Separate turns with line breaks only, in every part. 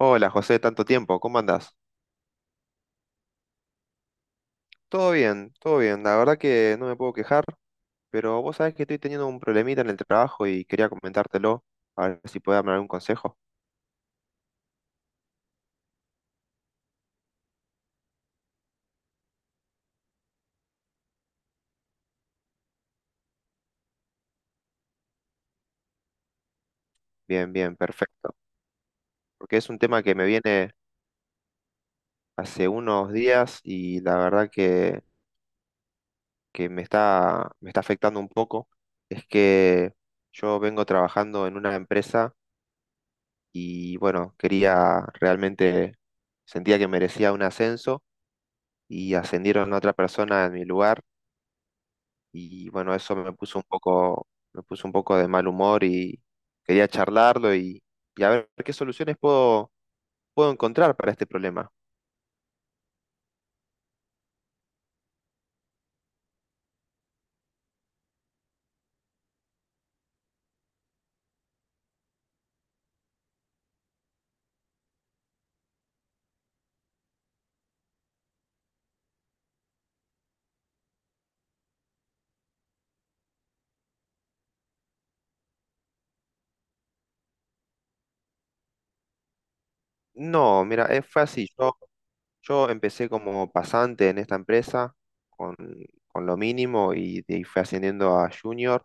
Hola José, tanto tiempo, ¿cómo andás? Todo bien, la verdad que no me puedo quejar, pero vos sabés que estoy teniendo un problemita en el trabajo y quería comentártelo, a ver si podés darme algún consejo. Bien, bien, perfecto, porque es un tema que me viene hace unos días y la verdad que me está afectando un poco. Es que yo vengo trabajando en una empresa y bueno, quería realmente, sentía que merecía un ascenso y ascendieron a otra persona en mi lugar y bueno, eso me puso un poco, me puso un poco de mal humor y quería charlarlo y a ver qué soluciones puedo, puedo encontrar para este problema. No, mira, es fácil. Yo empecé como pasante en esta empresa con, con lo mínimo y de ahí fui ascendiendo a junior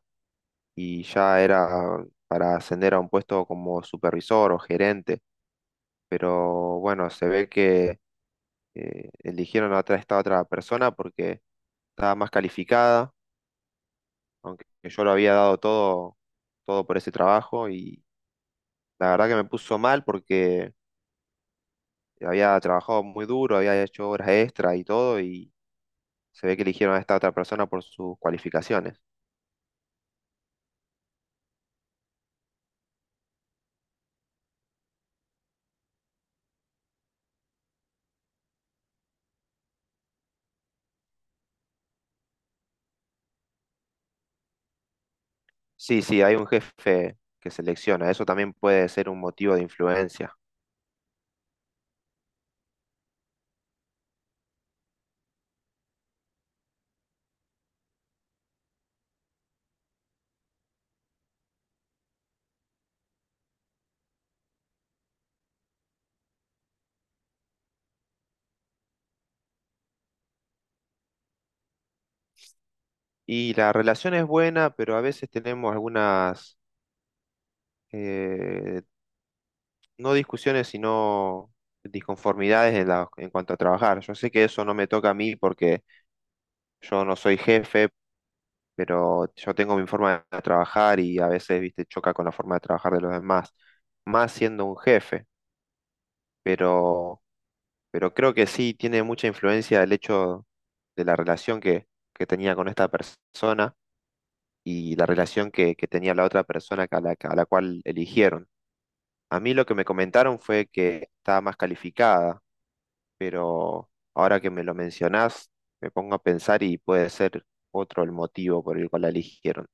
y ya era para ascender a un puesto como supervisor o gerente. Pero bueno, se ve que eligieron a otra, esta otra persona porque estaba más calificada aunque yo lo había dado todo, todo por ese trabajo y la verdad que me puso mal porque había trabajado muy duro, había hecho horas extra y todo y se ve que eligieron a esta otra persona por sus cualificaciones. Sí, sí, hay un jefe que selecciona, eso también puede ser un motivo de influencia. Y la relación es buena, pero a veces tenemos algunas, eh, no discusiones, sino disconformidades en cuanto a trabajar. Yo sé que eso no me toca a mí porque yo no soy jefe, pero yo tengo mi forma de trabajar y a veces, viste, choca con la forma de trabajar de los demás, más siendo un jefe, pero, pero creo que sí tiene mucha influencia el hecho de la relación que tenía con esta persona y la relación que tenía la otra persona que a la cual eligieron. A mí lo que me comentaron fue que estaba más calificada, pero ahora que me lo mencionás, me pongo a pensar y puede ser otro el motivo por el cual la eligieron.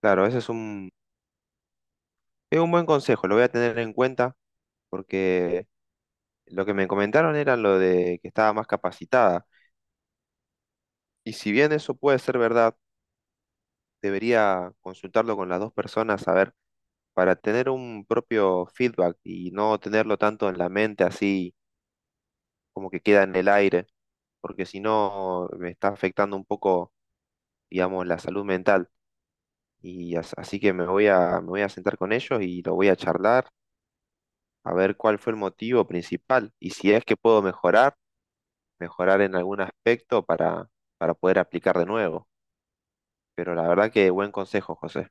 Claro, ese es un… Es un buen consejo, lo voy a tener en cuenta porque lo que me comentaron era lo de que estaba más capacitada. Y si bien eso puede ser verdad, debería consultarlo con las dos personas, a ver, para tener un propio feedback y no tenerlo tanto en la mente así como que queda en el aire, porque si no me está afectando un poco, digamos, la salud mental. Así que me voy a sentar con ellos y lo voy a charlar, a ver cuál fue el motivo principal y si es que puedo mejorar en algún aspecto para poder aplicar de nuevo. Pero la verdad que buen consejo, José.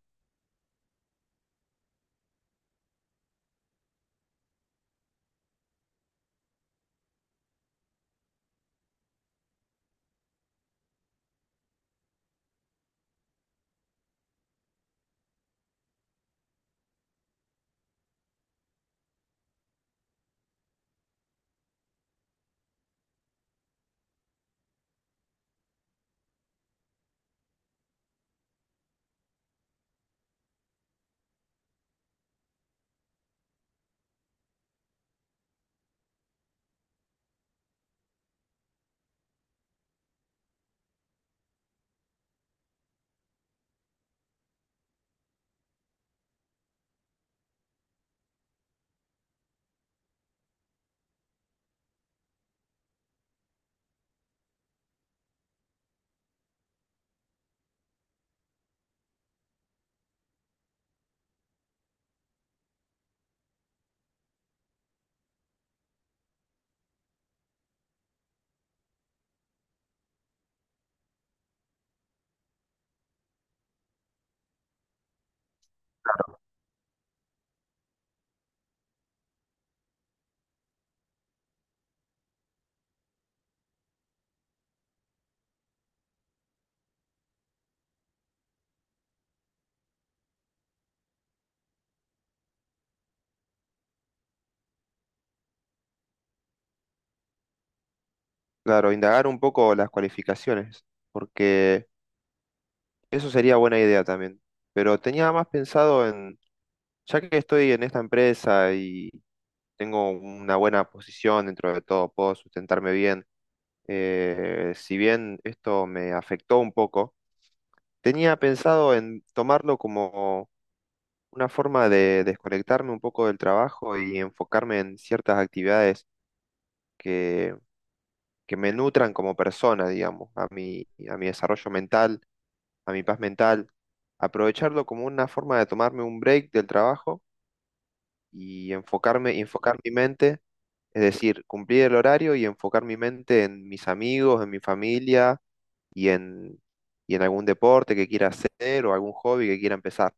Claro, indagar un poco las cualificaciones, porque eso sería buena idea también. Pero tenía más pensado en, ya que estoy en esta empresa y tengo una buena posición dentro de todo, puedo sustentarme bien. Si bien esto me afectó un poco, tenía pensado en tomarlo como una forma de desconectarme un poco del trabajo y enfocarme en ciertas actividades que, que me nutran como persona, digamos, a a mi desarrollo mental, a mi paz mental. Aprovecharlo como una forma de tomarme un break del trabajo y enfocarme, y enfocar mi mente, es decir, cumplir el horario y enfocar mi mente en mis amigos, en mi familia y en, y en algún deporte que quiera hacer o algún hobby que quiera empezar.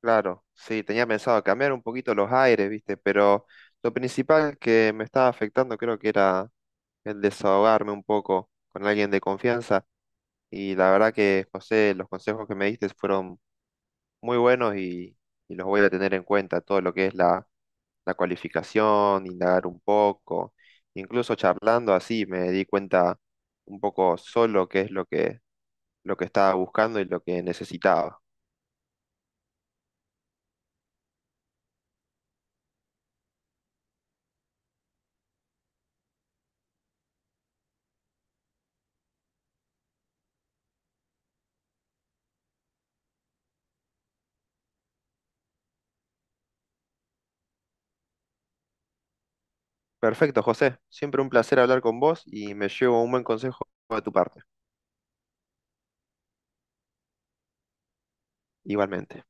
Claro, sí, tenía pensado cambiar un poquito los aires, viste, pero lo principal que me estaba afectando creo que era el desahogarme un poco con alguien de confianza y la verdad que José, los consejos que me diste fueron muy buenos y los voy a tener en cuenta, todo lo que es la cualificación, indagar un poco, incluso charlando así me di cuenta un poco solo qué es lo lo que estaba buscando y lo que necesitaba. Perfecto, José. Siempre un placer hablar con vos y me llevo un buen consejo de tu parte. Igualmente.